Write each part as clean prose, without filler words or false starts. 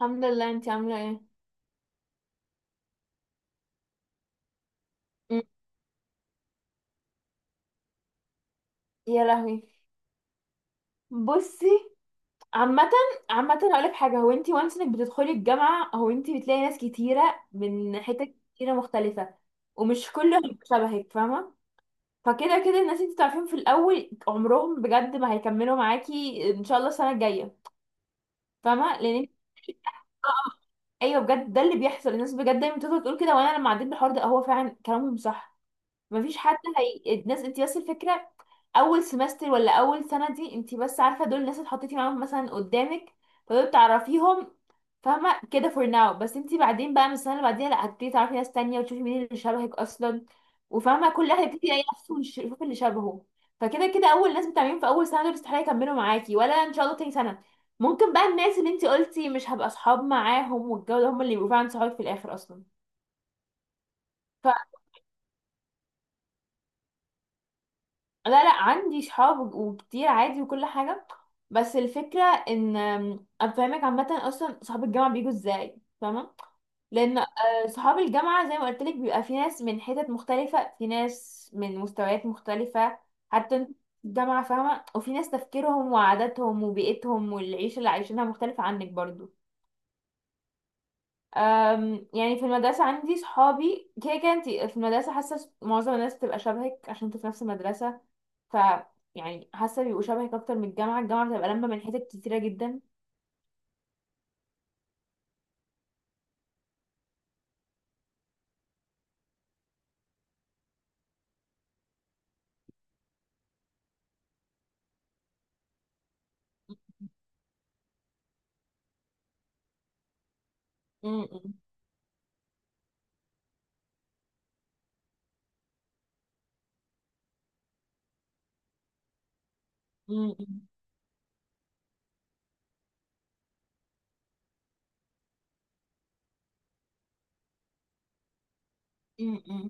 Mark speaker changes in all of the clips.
Speaker 1: الحمد لله. انتي عامله ايه؟ مم. يا لهوي، بصي. عامه عامه اقول لك حاجه، هو انتي وانس انك بتدخلي الجامعه، هو انتي بتلاقي ناس كتيره من حتت كتيره مختلفه، ومش كلهم شبهك، فاهمه؟ فكده كده الناس انتي تعرفيهم في الاول عمرهم بجد ما هيكملوا معاكي ان شاء الله السنه الجايه. فاهمه لان انتي- ايوه بجد ده اللي بيحصل، الناس بجد دايما بتفضل تقول كده، وانا لما عديت بالحوار ده هو فعلا كلامهم صح. مفيش حد. الناس انت بس الفكره، اول سمستر ولا اول سنه دي انت بس عارفه دول الناس اللي حطيتي معاهم مثلا قدامك، فدول بتعرفيهم، فاهمه كده فور ناو. بس انت بعدين بقى من السنه اللي بعديها لا، هتبتدي تعرفي ناس تانية وتشوفي مين اللي شبهك اصلا، وفاهمه كل واحد يبتدي يلاقي نفسه ويشوف اللي شبهه. فكده كده اول ناس بتعملين في اول سنه دول استحاله يكملوا معاكي ولا ان شاء الله تاني سنه. ممكن بقى الناس اللي انت قلتي مش هبقى اصحاب معاهم والجو ده هم اللي يبقوا فعلا صحابك في الاخر اصلا. لا، عندي صحاب وكتير عادي وكل حاجة. بس الفكرة ان افهمك عامة اصلا صحاب الجامعة بيجوا ازاي، فاهمة؟ لان آه، صحاب الجامعة زي ما قلت لك بيبقى في ناس من حتت مختلفة، في ناس من مستويات مختلفة. حتى انت في الجامعة فاهمة، وفي ناس تفكيرهم وعاداتهم وبيئتهم والعيشة اللي عايشينها مختلفة عنك برضو. يعني في المدرسة عندي صحابي كده كده، انت في المدرسة حاسة معظم الناس بتبقى شبهك عشان انتوا في نفس المدرسة. ف يعني حاسه بيبقوا شبهك اكتر من الجامعه. الجامعه بتبقى لمه من حتت كتيره جدا. م- م- م- م-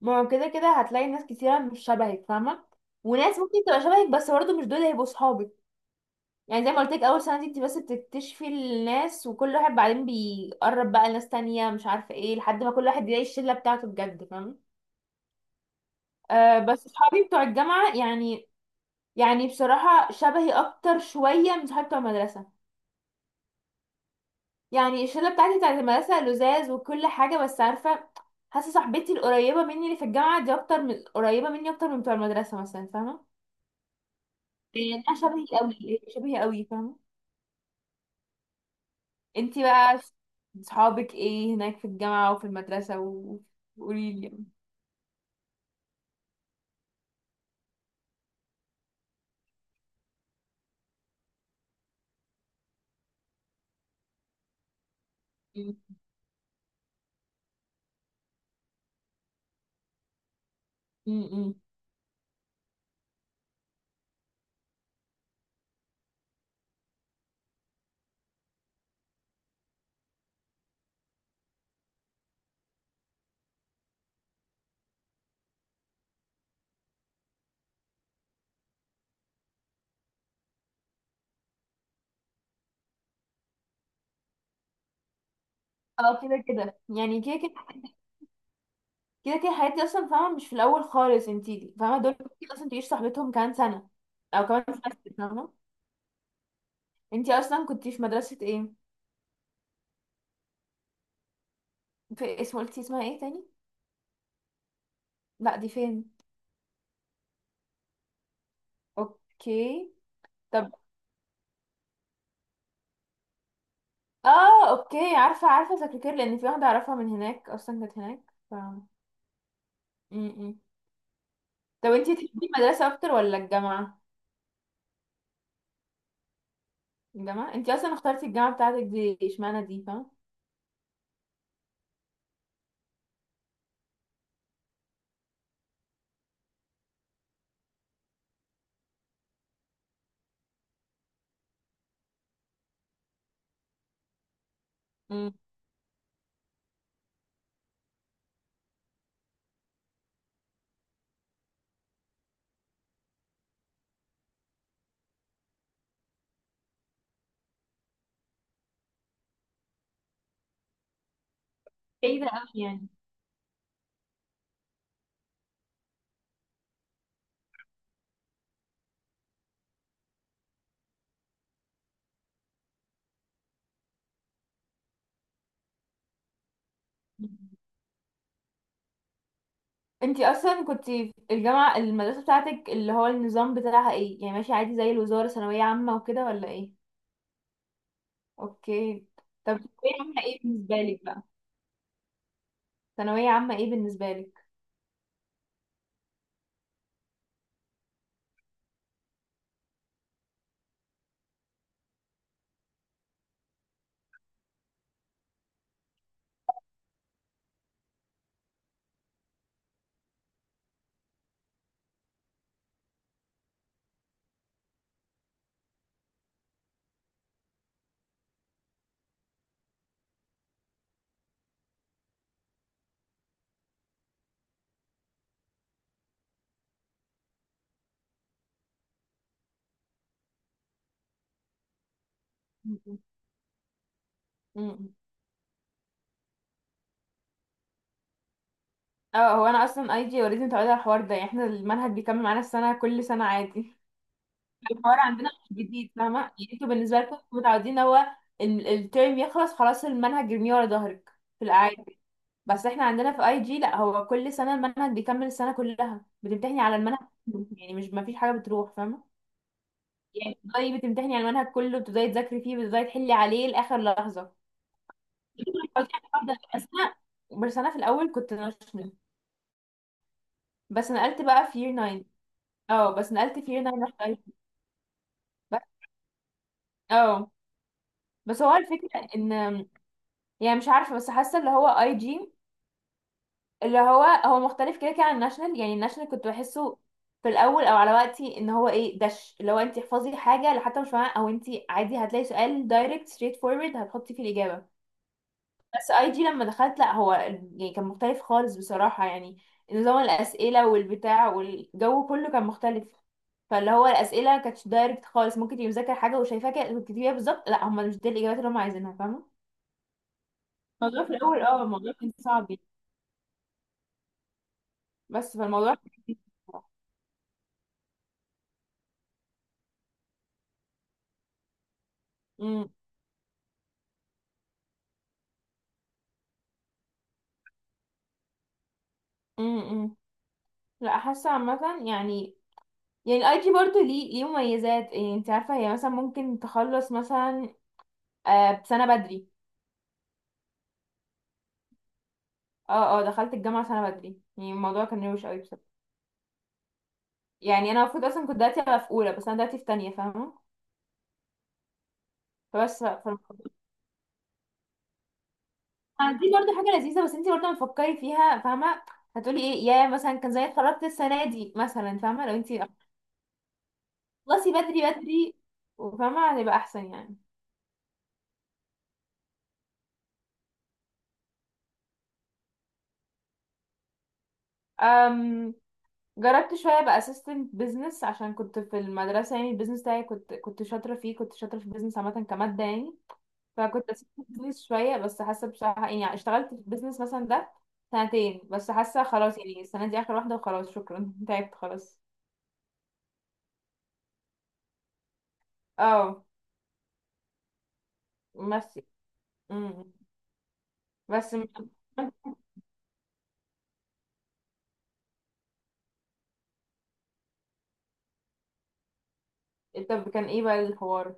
Speaker 1: ما هو كده كده هتلاقي ناس كتيرة مش شبهك، فاهمة؟ وناس ممكن تبقى شبهك بس برضه مش دول هيبقوا صحابك. يعني زي ما قلت لك أول سنة دي انت بس بتكتشفي الناس، وكل واحد بعدين بيقرب بقى لناس تانية مش عارفة ايه لحد ما كل واحد يلاقي الشلة بتاعته بجد، فاهمة؟ آه بس صحابي بتوع الجامعة يعني، يعني بصراحة شبهي أكتر شوية من صحابي بتوع المدرسة. يعني الشله بتاعتي بتاعت المدرسه لزاز وكل حاجه بس عارفه، حاسه صاحبتي القريبه مني اللي في الجامعه دي اكتر من قريبه مني اكتر من بتوع المدرسه مثلا، فاهمه؟ يعني انا شبهي قوي، شبهي قوي، فاهمه؟ انتي بقى صحابك ايه هناك في الجامعه وفي وقولي لي يعني. م- م- م. اه كده كده يعني، كده كده الحاجات دي اصلا فاهمه مش في الاول خالص انتي فاهمه، دول ممكن اصلا تعيش صاحبتهم كمان سنه او كمان سنه، فاهمه؟ انتي اصلا كنتي في مدرسه ايه؟ في اسم، قلتي اسمها ايه تاني؟ لا دي فين؟ اوكي. طب اه اوكي، عارفه عارفه سكرتير لان في واحده اعرفها من هناك اصلا كانت هناك. ف م -م. طب انتي تحبي المدرسه اكتر ولا الجامعه؟ الجامعه، انتي اصلا اخترتي الجامعه بتاعتك دي اشمعنى دي، فاهمه؟ م. بعيدة أوي يعني. م. انتي اصلا كنتي الجامعه المدرسه بتاعتك اللي هو النظام بتاعها ايه؟ يعني ماشي عادي زي الوزاره ثانويه عامه وكده ولا ايه؟ اوكي. طب ثانويه عامه ايه بالنسبه لك بقى؟ ثانويه عامه ايه بالنسبه لك؟ م -م. اه هو انا اصلا اي جي اوريدي متعوده على الحوار ده، يعني احنا المنهج بيكمل معانا السنه كل سنه عادي. الحوار عندنا مش جديد، فاهمه؟ يعني انتوا بالنسبه لكم انتوا متعودين هو الترم يخلص خلاص المنهج يرميه ورا ظهرك في العادي. بس احنا عندنا في اي جي لا، هو كل سنه المنهج بيكمل السنه كلها بتمتحني على المنهج كله، يعني مش ما فيش حاجه بتروح، فاهمه؟ يعني بتبدأي بتمتحني على المنهج كله، بتبدأي تذاكري فيه، بتبدأي تحلي عليه لاخر لحظه. قلت لك الحوار ده. بس انا في الاول كنت ناشفه، بس نقلت بقى في year 9. اه بس نقلت فيه هنا رحت اي جي بس. اه بس هو الفكرة ان يعني مش عارفة، بس حاسة اللي هو اي جي اللي هو هو مختلف كده كده عن الناشونال. يعني الناشونال كنت بحسه في الاول او على وقتي ان هو ايه دش اللي هو انت احفظي حاجة لو حتى مش فاهمة، او انت عادي هتلاقي سؤال دايركت ستريت فورورد هتحطي فيه الاجابة. بس اي دي لما دخلت لا، هو يعني كان مختلف خالص بصراحة يعني. نظام الأسئلة والبتاع والجو كله كان مختلف. فاللي هو الأسئلة كانتش دايركت خالص، ممكن تبقي مذاكرة حاجة وشايفاها كده وتكتبيها بالظبط، لا هم مش دي الإجابات اللي هم عايزينها، فاهمة؟ الموضوع في الأول اه الموضوع كان صعب يعني. بس فالموضوع كان امم امم امم. لا حاسه عامه يعني، يعني الاي جي برضه ليه مميزات يعني، انت عارفه هي مثلا ممكن تخلص مثلا بسنه بدري. اه دخلت الجامعه سنه بدري، يعني الموضوع كان روش قوي بصراحة. يعني انا المفروض اصلا كنت دلوقتي ابقى في اولى بس انا دلوقتي في تانية، فاهمه؟ فبس ف- ف- دي برضه حاجه لذيذه بس انت برضه لما تفكري فيها، فاهمه؟ هتقولي ايه يا مثلا كان زي اتخرجت السنه دي مثلا، فاهمه لو انت خلصي بدري وفاهمه هتبقى احسن يعني. أم جربت شويه بقى assistant business عشان كنت في المدرسه، يعني البيزنس بتاعي كنت شاطره فيه، كنت شاطره في البيزنس عامه كماده يعني. فكنت اسيب البيزنس شويه، بس حاسه بصراحه يعني اشتغلت في البيزنس مثلا ده سنتين بس حاسه خلاص، يعني السنه دي اخر واحده وخلاص شكرا، تعبت خلاص. اه بس امم بس م- طب كان ايه بقى الحوار؟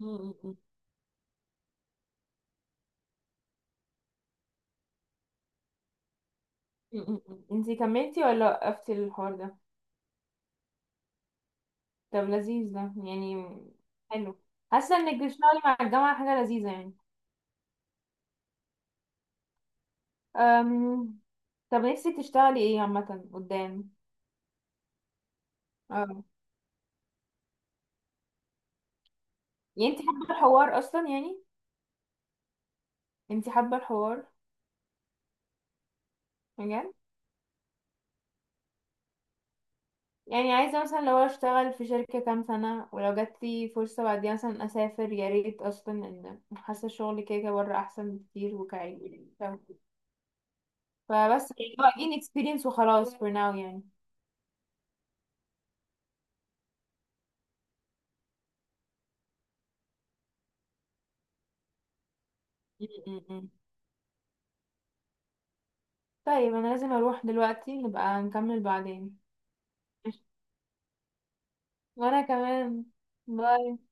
Speaker 1: مم. مم. انتي كملتي ولا وقفتي الحوار ده؟ طب لذيذ ده يعني. حلو، حاسه انك بتشتغلي مع الجامعه حاجه لذيذه يعني. أم... طب نفسك تشتغلي ايه عامه قدام؟ اه يعني انتي حابه الحوار اصلا يعني؟ انتي حابة الحوار؟ بجد؟ يعني عايزة مثلا لو اشتغل في شركة كام سنة ولو جاتلي فرصة بعديها مثلا اسافر، يا ريت اصلا ان حاسة الشغل كده كده بره احسن بكتير وكعيب. فبس يعني هو again experience وخلاص for now يعني. م- م- م. طيب انا لازم اروح دلوقتي، نبقى نكمل بعدين. وانا كمان. باي.